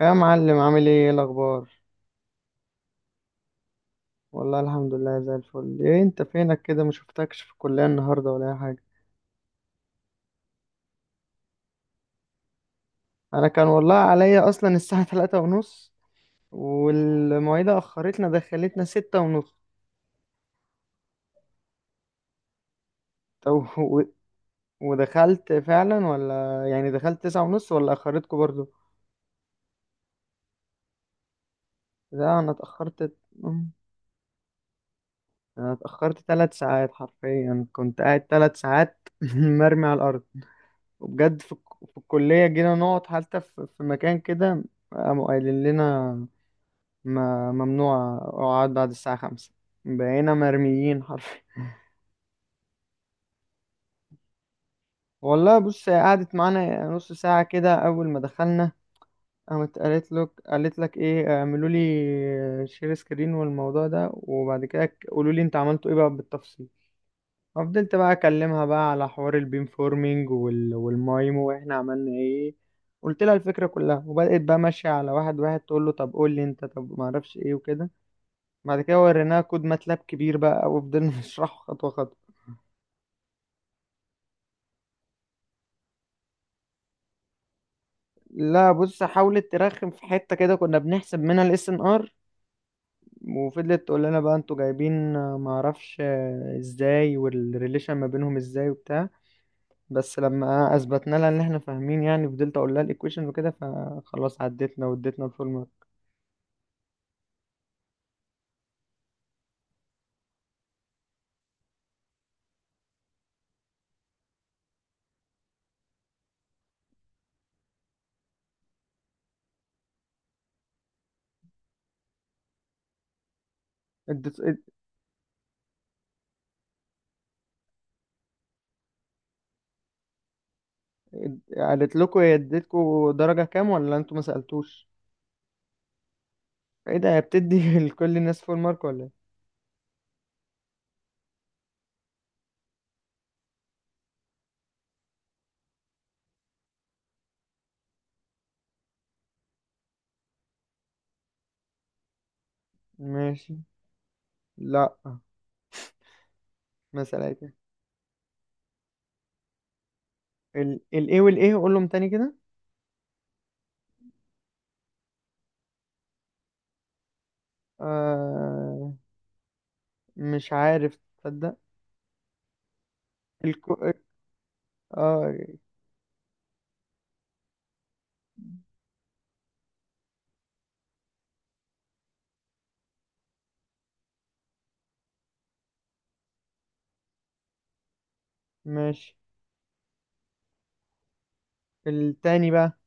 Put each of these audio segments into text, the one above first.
يا معلم، عامل ايه؟ إيه الاخبار؟ والله الحمد لله زي الفل. ايه انت فينك كده؟ ما شفتكش في الكلية النهاردة ولا اي حاجة. انا كان والله عليا اصلا الساعة تلاتة ونص، والمواعيد اخرتنا دخلتنا ستة ونص. طب و- ودخلت فعلا ولا يعني، دخلت تسعة ونص ولا اخرتكم برضو؟ لا انا اتأخرت. أم، انا اتأخرت 3 ساعات، حرفيا كنت قاعد 3 ساعات مرمي على الارض. وبجد في الكلية، جينا نقعد حتى في مكان كده، قاموا قايلين لنا ما ممنوع اقعد بعد الساعة خمسة. بقينا مرميين حرفيا والله بص، هي قعدت معانا نص ساعة كده أول ما دخلنا. قامت قالت لك إيه؟ اعملوا لي شير سكرين والموضوع ده، وبعد كده قولوا لي أنت عملتوا إيه بقى بالتفصيل. ففضلت بقى اكلمها بقى على حوار البيم فورمينج والمايمو واحنا عملنا ايه، قلت لها الفكره كلها، وبدات بقى ماشيه على واحد واحد، تقول له طب قول لي انت، طب ما اعرفش ايه وكده. بعد كده وريناها كود ماتلاب كبير بقى، وفضلنا نشرحه خطوه خطوه. لا بص، حاولت ترخم في حته كده، كنا بنحسب منها الاس ان ار. وفضلت تقول لنا بقى انتوا جايبين ما اعرفش ازاي، والريليشن ما بينهم ازاي وبتاع. بس لما اثبتنا لها ان احنا فاهمين يعني، فضلت اقول لها الايكويشن وكده، فخلاص عدتنا واديتنا الفول مارك. اديت اد- قالت لكم هي اديتكم درجة كام، ولا انتوا ما سألتوش؟ ايه ده؟ هي بتدي لكل الناس فول مارك ولا ايه؟ ماشي. لا ما سألتش. الايه والايه؟ قولهم تاني كده. آه. مش عارف تصدق. الكو. اه. ماشي. التاني بقى.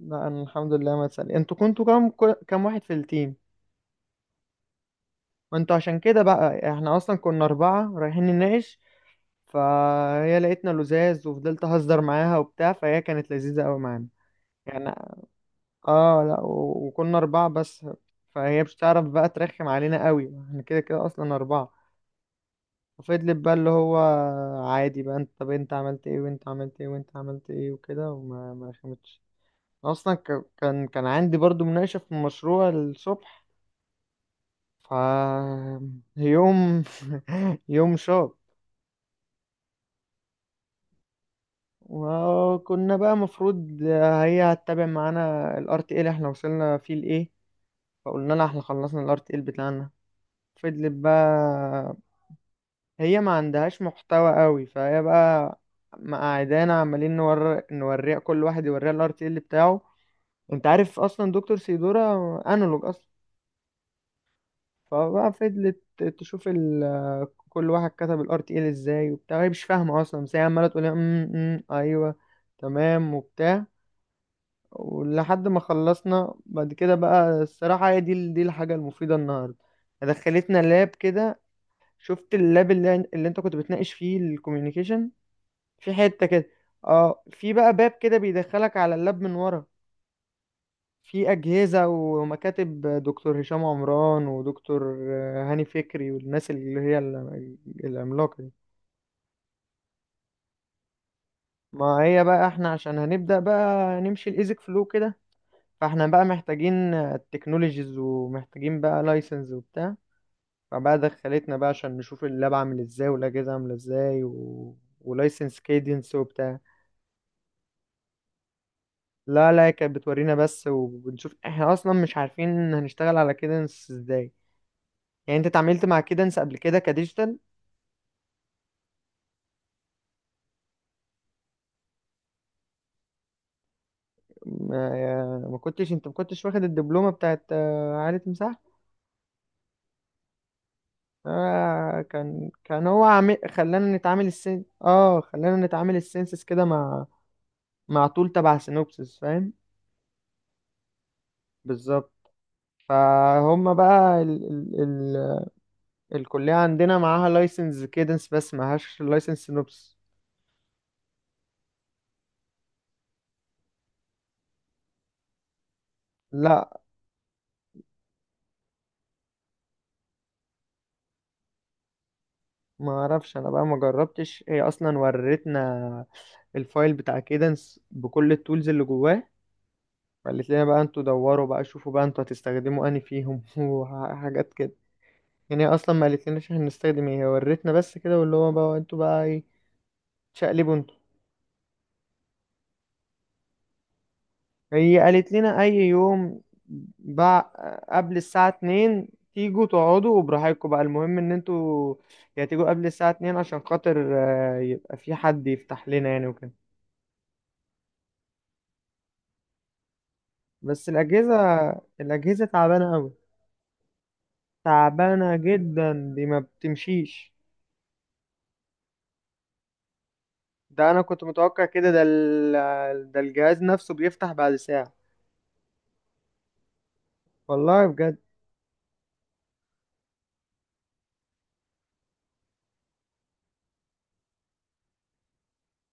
لا انا الحمد لله ما اتسأل. انتوا كنتوا كام؟ كام واحد في التيم؟ ما انتوا عشان كده بقى، احنا اصلا كنا اربعة رايحين نناقش، فهي لقيتنا لزاز، وفضلت اهزر معاها وبتاع، فهي كانت لذيذة قوي معانا. يعني، اه لا، وكنا اربعة بس، فهي مش تعرف بقى ترخم علينا قوي، احنا كده كده اصلا اربعة. ففضلت بقى اللي هو عادي بقى، انت طب انت عملت ايه، وانت عملت ايه، وانت عملت ايه وكده، وما ما رخمتش. اصلا كان عندي برضو مناقشة في المشروع الصبح. ف يوم يوم شاط. وكنا بقى مفروض هي هتتابع معانا ال RTA اللي احنا وصلنا فيه لإيه، فقلنا لها احنا خلصنا ال RTA بتاعنا. فضلت بقى، هي ما عندهاش محتوى قوي، فهي بقى مقعدانا عمالين نوريها، كل واحد يوريها ال RTA بتاعه. انت عارف اصلا دكتور سيدورا انالوج اصلا. فبقى فضلت تشوف كل واحد كتب ال RTA ازاي وبتاع، هي مش فاهمة اصلا، بس هي عمالة تقول لنا، "أم، أم، ايوه، تمام وبتاع". ولحد ما خلصنا بعد كده بقى، الصراحة هي دي الحاجة المفيدة النهاردة. دخلتنا لاب كده. شفت اللاب اللي انت كنت بتناقش فيه الكوميونيكيشن، في حتة كده. اه في بقى باب كده بيدخلك على اللاب من ورا، في أجهزة ومكاتب دكتور هشام عمران ودكتور هاني فكري والناس اللي هي العملاقة دي. ما هي بقى احنا عشان هنبدأ بقى نمشي الإيزك فلو كده، فاحنا بقى محتاجين تكنولوجيز ومحتاجين بقى لايسنس وبتاع، فبقى دخلتنا بقى عشان نشوف اللاب عامل ازاي والاجهزه عامله ازاي ولايسنس كيدنس وبتاع. لا لا كانت بتورينا بس، وبنشوف احنا اصلا مش عارفين هنشتغل على كيدنس ازاي. يعني انت اتعاملت مع كيدنس قبل كده كديجيتال؟ ما كنتش انت، ما كنتش واخد الدبلومه بتاعت عالة مساحه؟ آه كان هو عامل خلانا نتعامل السنسس كده مع، مع طول تبع سينوبسس، فاهم؟ بالظبط. فهم بقى الكلية عندنا معاها لايسنس كيدنس بس معهاش لايسنس سينوبس. لا ما اعرفش انا بقى، ما جربتش، هي اصلا ورتنا الفايل بتاع كيدنس بكل التولز اللي جواه، فقالت لنا بقى انتوا دوروا بقى، شوفوا بقى انتوا هتستخدموا انهي فيهم وحاجات كده. يعني هي اصلا ما قالت لناش هنستخدم ايه، هي ورتنا بس كده، واللي هو بقى انتوا بقى ايه تشقلبوا انتوا. هي قالت لنا اي يوم بع... قبل الساعة اتنين تيجوا تقعدوا وبراحتكم بقى، المهم ان انتوا يا تيجوا قبل الساعة اتنين عشان خاطر يبقى في حد يفتح لنا يعني وكده. بس الأجهزة تعبانة أوي، تعبانة جدا، دي ما بتمشيش. ده أنا كنت متوقع كده، ده الجهاز نفسه بيفتح بعد ساعة، والله بجد.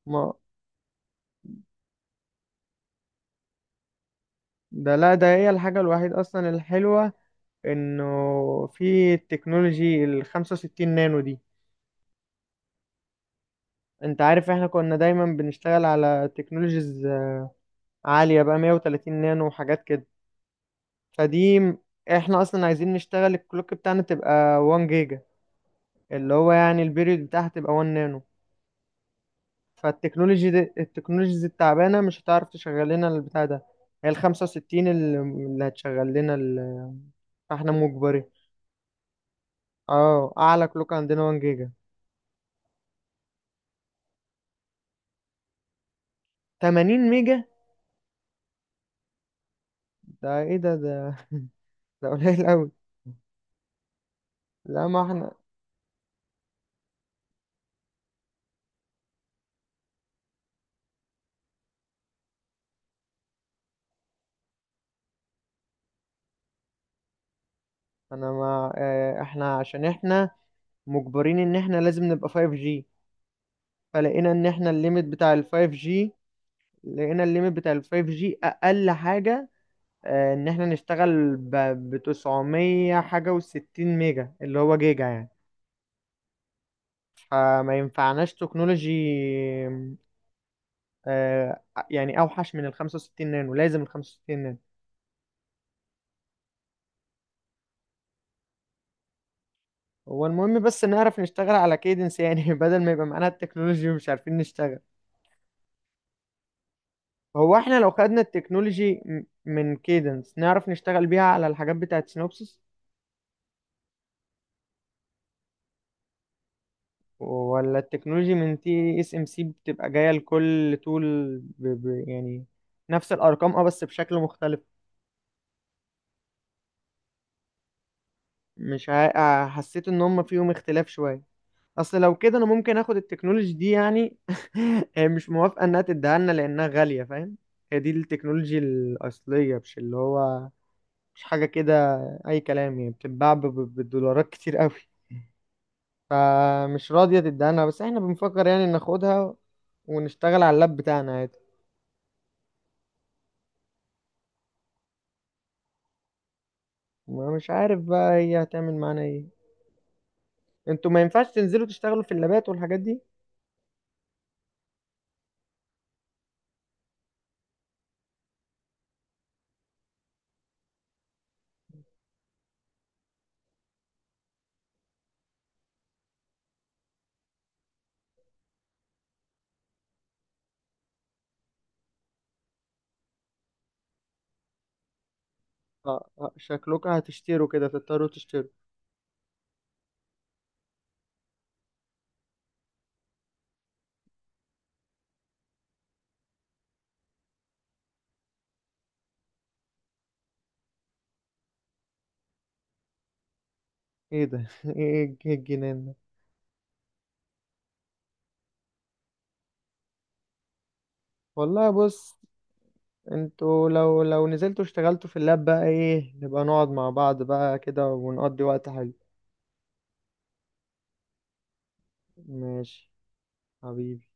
ما ده، لا ده هي الحاجة الوحيدة أصلا الحلوة، انه في التكنولوجي ال 65 نانو دي. انت عارف احنا كنا دايما بنشتغل على تكنولوجيز عالية بقى 130 نانو وحاجات كده، فدي احنا اصلا عايزين نشتغل الكلوك بتاعنا تبقى 1 جيجا، اللي هو يعني البيريود بتاعها تبقى 1 نانو، فالتكنولوجي دي التكنولوجيز التعبانة مش هتعرف تشغل لنا البتاع ده. هي ال 65 اللي هتشغل لنا فاحنا مجبرين. اه اعلى كلوك عندنا 1 جيجا. 80 ميجا؟ ده ايه ده ده قليل قوي. لا ما احنا، انا ما آه، احنا عشان احنا مجبرين ان احنا لازم نبقى 5G. فلقينا ان احنا الليميت بتاع ال 5G لقينا الليميت بتاع ال 5G اقل حاجة، ان احنا نشتغل ب 900 حاجة و60 ميجا اللي هو جيجا يعني. فما ينفعناش تكنولوجي آه، يعني اوحش من ال 65 نانو، لازم ال 65 نانو. هو المهم بس نعرف نشتغل على كيدنس يعني بدل ما يبقى معانا التكنولوجي ومش عارفين نشتغل. هو احنا لو خدنا التكنولوجي من كيدنس نعرف نشتغل بيها على الحاجات بتاعت سينوبسيس، ولا التكنولوجي من تي اس ام سي بتبقى جاية لكل تول يعني نفس الارقام، اه بس بشكل مختلف. مش ع... آه، حسيت ان هم فيهم اختلاف شوية. اصل لو كده انا ممكن اخد التكنولوجي دي يعني هي مش موافقة انها تديها لنا لانها غالية، فاهم، هي دي التكنولوجي الاصلية مش اللي هو مش حاجة كده اي كلام، يعني بتتباع بالدولارات كتير قوي، فمش راضية تدهنها، بس احنا بنفكر يعني ناخدها ونشتغل على اللاب بتاعنا عادي. ما مش عارف بقى هي هتعمل معانا ايه. انتوا ما ينفعش تنزلوا تشتغلوا في اللابات والحاجات دي؟ اه شكلكم هتشتروا كده، تضطروا تشتروا. ايه ده إيه الجنان ده؟ والله بص، انتوا لو نزلتوا اشتغلتوا في اللاب بقى ايه، نبقى نقعد مع بعض بقى كده ونقضي وقت حلو. ماشي. حبيبي.